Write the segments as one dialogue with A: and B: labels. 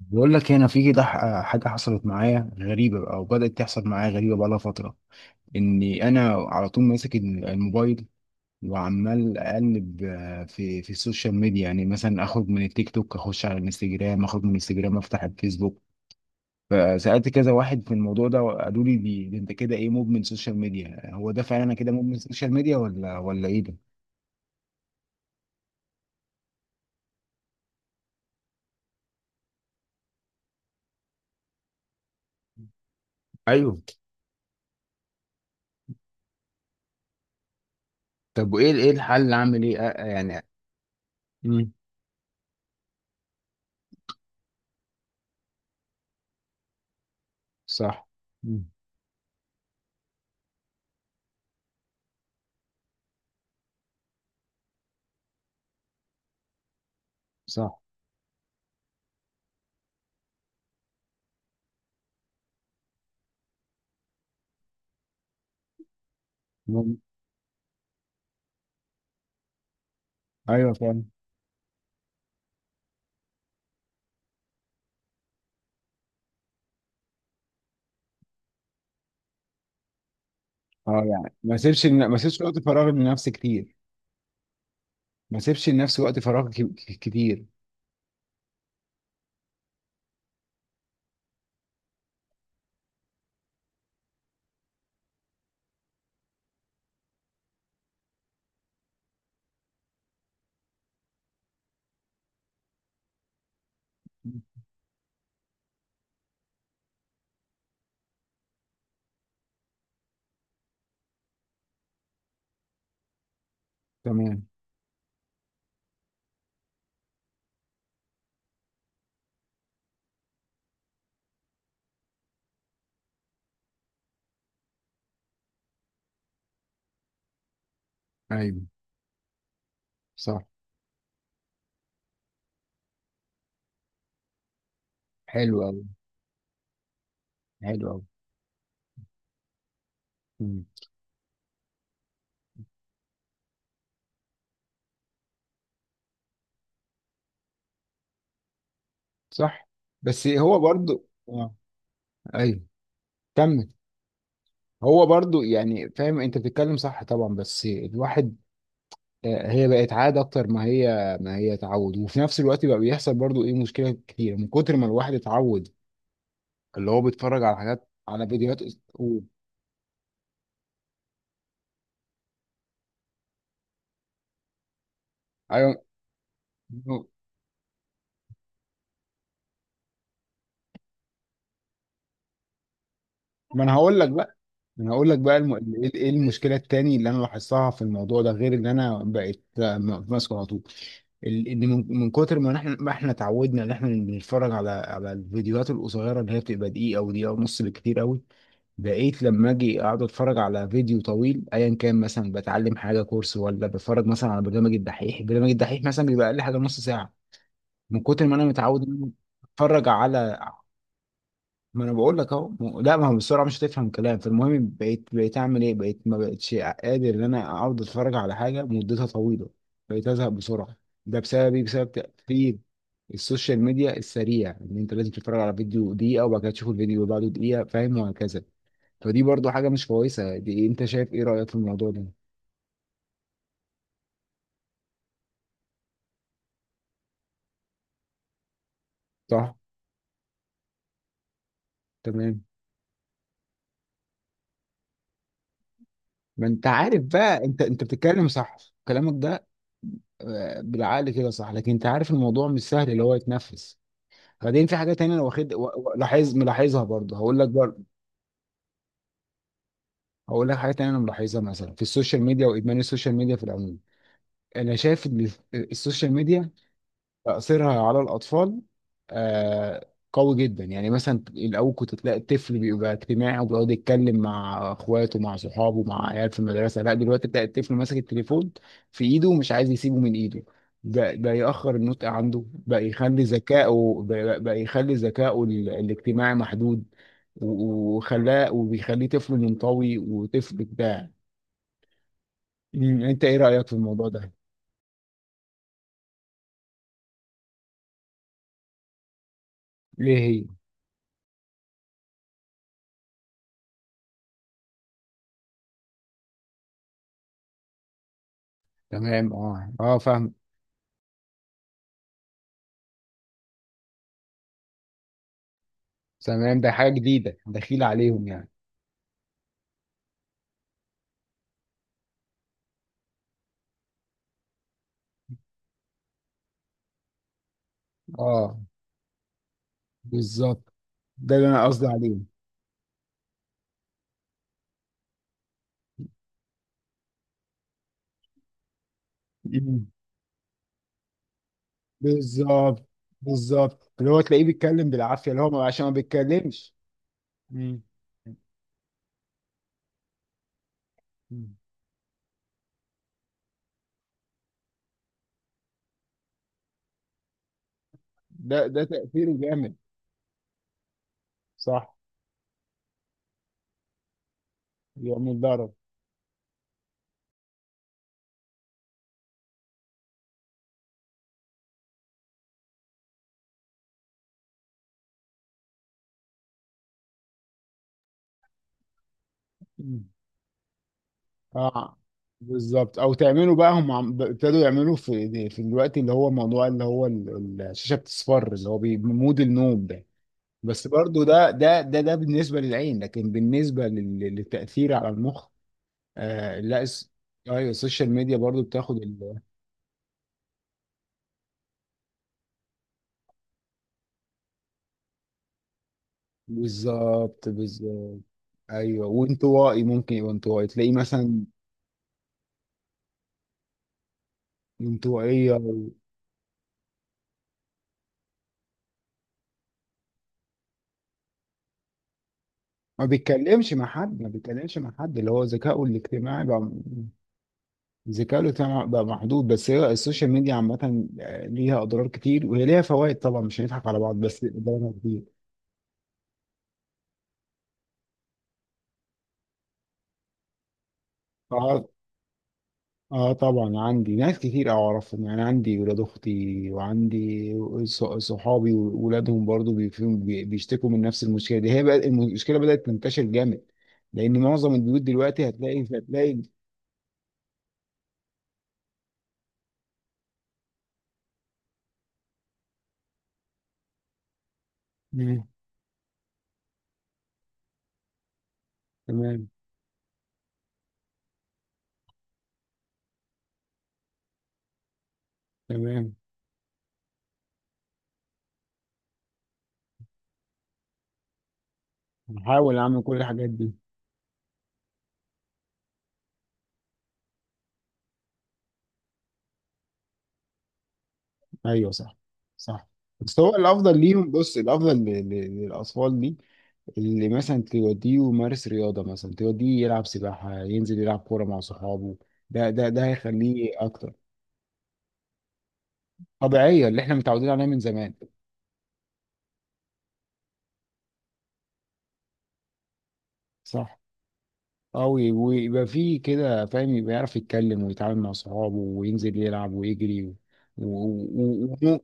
A: بقول لك هنا في كده حاجة حصلت معايا غريبة، بقى وبدأت تحصل معايا غريبة بقى لها فترة، إني أنا على طول ماسك الموبايل، وعمال أقلب في السوشيال ميديا. يعني مثلا أخرج من التيك توك أخش على الانستجرام، أخرج من الانستجرام أفتح الفيسبوك. فسألت كذا واحد في الموضوع ده وقالوا لي دي أنت كده إيه، مدمن سوشيال ميديا؟ هو ده فعلا أنا كده مدمن سوشيال ميديا ولا إيه ده؟ ايوه. طب وايه، ايه الحل، اعمل ايه يعني. امم. صح. مم. صح. مم. أيوه فعلا. اه يعني ما سيبش وقت فراغ لنفسي كتير. ما سيبش لنفسي وقت فراغ كتير. تمام. ايوه صح. حلو قوي. حلو قوي. مم. صح. بس هو برضو اه. ايوه كمل. هو برضو يعني فاهم، انت بتتكلم صح طبعا، بس الواحد هي بقت عادة اكتر ما هي، ما هي تعود. وفي نفس الوقت بقى بيحصل برضو ايه، مشكلة كتير من كتر ما الواحد اتعود. اللي هو بيتفرج على حاجات على فيديوهات ايوه. ما انا هقول لك بقى، انا هقول لك بقى ايه، إيه المشكله التاني اللي انا لاحظتها في الموضوع ده، غير ان انا بقيت ماسكه على طول ان من كتر ما ما احنا اتعودنا ان احنا بنتفرج على الفيديوهات القصيره، اللي هي بتبقى دقيقه او دقيقه ونص بالكتير قوي. بقيت لما اجي اقعد اتفرج على فيديو طويل ايا كان، مثلا بتعلم حاجه كورس، ولا بتفرج مثلا على برنامج الدحيح، برنامج الدحيح مثلا بيبقى اقل حاجه نص ساعه. من كتر ما انا متعود ان انا اتفرج على، ما انا بقول لك اهو لا ما هو بسرعه مش هتفهم كلام. فالمهم بقيت بقيت اعمل ايه، بقيت ما بقتش قادر ان انا اقعد اتفرج على حاجه مدتها طويله، بقيت ازهق بسرعه. ده بسبب ايه، بسبب تاثير السوشيال ميديا السريع، ان انت لازم تتفرج على فيديو دقيقه وبعد كده تشوف الفيديو اللي بعده دقيقه، فاهم، وهكذا. فدي برضو حاجه مش كويسه دي، انت شايف ايه رايك في الموضوع ده؟ صح. تمام. ما انت عارف بقى، انت بتتكلم صح كلامك ده، بالعقل كده صح، لكن انت عارف الموضوع مش سهل اللي هو يتنفس. بعدين في حاجه تانية انا واخد لاحظ ملاحظها برضه، هقول لك برضه هقول لك حاجه تانية انا ملاحظها مثلا في السوشيال ميديا، وادمان السوشيال ميديا في العموم. انا شايف ان السوشيال ميديا تأثيرها على الأطفال آه، قوي جدا. يعني مثلا الأول كنت تلاقي الطفل بيبقى اجتماعي وبيقعد يتكلم مع إخواته مع صحابه مع عيال في المدرسة. لا دلوقتي تلاقي الطفل ماسك التليفون في إيده ومش عايز يسيبه من إيده. بقى يأخر النطق عنده، بقى يخلي ذكائه بقى بقى يخلي ذكائه الاجتماعي محدود. وخلاه وبيخليه طفل منطوي وطفل بتاع. أمم، أنت إيه رأيك في الموضوع ده؟ ليه هي؟ تمام اه اه فاهمك. تمام ده حاجة جديدة دخيلة عليهم يعني. اه بالظبط، ده اللي انا قصدي عليه. مم. بالظبط. بالظبط اللي هو تلاقيه بيتكلم بالعافية، اللي هو عشان ما بيتكلمش. مم. مم. ده ده تأثيره جامد. صح. يعمل ضرر. مم. اه بالظبط. او تعملوا بقى هم ابتدوا يعملوا في في الوقت، اللي هو موضوع اللي هو الشاشة بتصفر، اللي هو مود النوم ده. بس برضو ده بالنسبة للعين، لكن بالنسبة للتأثير على المخ. آه لا الس- ايوه السوشيال ميديا برضو بتاخد بالظبط. بالظبط. ايوه وانطوائي، ممكن يبقى انطوائي تلاقيه مثلا انطوائية ما بيتكلمش مع حد، ما بيتكلمش مع حد، اللي هو ذكائه الاجتماعي بقى، ذكائه الاجتماعي بقى محدود. بس هي السوشيال ميديا عامة ليها أضرار كتير، وهي ليها فوائد طبعا مش هنضحك على بعض، بس ضررها كتير. اه طبعا عندي ناس كتير اعرفهم، يعني عندي ولاد اختي وعندي صحابي وولادهم برضو بيشتكوا من نفس المشكله دي. هي بقى المشكله بدات تنتشر جامد، لان معظم البيوت دلوقتي هتلاقي. مم، تمام. تمام. هحاول اعمل كل الحاجات دي. ايوه صح. صح. بس هو الافضل ليهم، بص الافضل للاطفال دي، اللي مثلا توديه يمارس رياضه، مثلا توديه يلعب سباحه، ينزل يلعب كوره مع صحابه. ده هيخليه اكتر طبيعية، اللي احنا متعودين عليها من زمان. صح. اه ويبقى في كده فاهم، يبقى يعرف يتكلم ويتعامل مع صحابه وينزل يلعب ويجري و... و... و...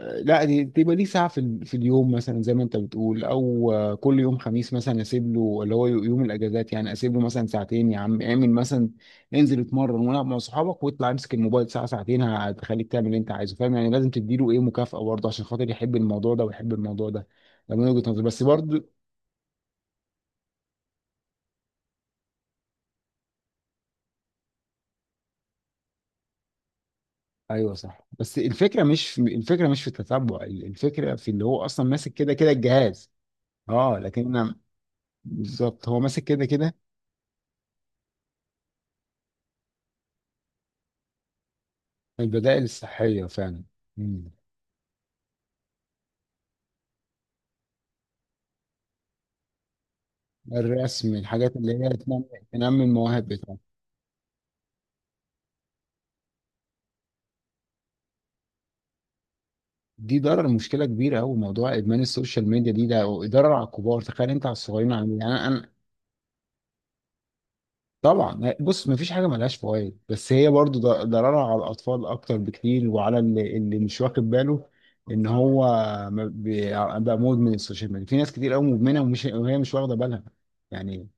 A: لا تبقى ليه ساعة في, في اليوم مثلا زي ما انت بتقول، او كل يوم خميس مثلا اسيب له، اللي هو يوم الاجازات يعني اسيب له مثلا ساعتين، يا عم اعمل مثلا انزل اتمرن والعب مع صحابك، واطلع امسك الموبايل ساعة ساعتين. هتخليك تعمل اللي انت عايزه، فاهم يعني. لازم تديله ايه، مكافأة برضه عشان خاطر يحب الموضوع ده ويحب الموضوع ده، ده من وجهة نظري بس برضه. ايوه صح. بس الفكره مش في، الفكره مش في التتبع، الفكره في اللي هو اصلا ماسك كده كده الجهاز. اه لكن انا بالظبط، هو ماسك كده كده. البدائل الصحيه فعلا. مم. الرسم، الحاجات اللي هي تنمي، تنمي المواهب بتاعتك. دي ضرر، مشكله كبيره قوي موضوع ادمان السوشيال ميديا دي، ده ضرر على الكبار، تخيل انت على الصغيرين عامل إيه. يعني انا طبعا. بص مفيش حاجه ملهاش فوائد، بس هي برضو ضررها على الاطفال اكتر بكتير، وعلى اللي مش واخد باله ان هو ما بي- بقى مدمن السوشيال ميديا. في ناس كتير قوي مدمنه وهي مش واخده بالها يعني،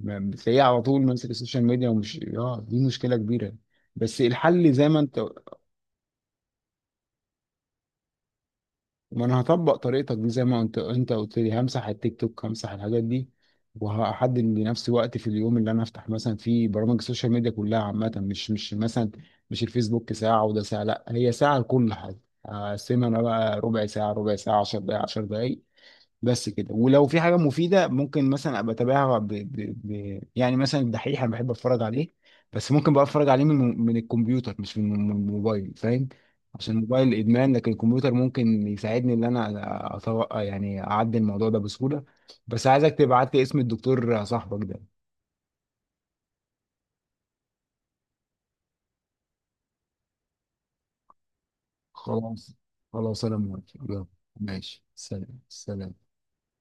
A: ما- بتلاقيها على طول ماسك السوشيال ميديا ومش اه، دي مشكله كبيره. بس الحل زي ما انت. ما انا هطبق طريقتك دي، زي ما انت قلت لي، همسح التيك توك همسح الحاجات دي، وهحدد لنفسي وقت في اليوم اللي انا افتح مثلا فيه برامج السوشيال ميديا كلها عامه، مش مش مثلا مش الفيسبوك ساعه وده ساعه، لا هي ساعه لكل حاجه، هقسمها انا بقى ربع ساعه ربع ساعه 10 دقائق 10 دقائق بس كده. ولو في حاجة مفيدة ممكن مثلا ابقى اتابعها يعني مثلا الدحيح انا بحب اتفرج عليه، بس ممكن بقى اتفرج عليه من الكمبيوتر مش من الموبايل فاهم. عشان الموبايل ادمان، لكن الكمبيوتر ممكن يساعدني ان انا أتوقع يعني اعدي الموضوع ده بسهولة. بس عايزك تبعت لي اسم الدكتور صاحبك ده. خلاص. خلاص انا موافق يلا. ماشي سلام سلام.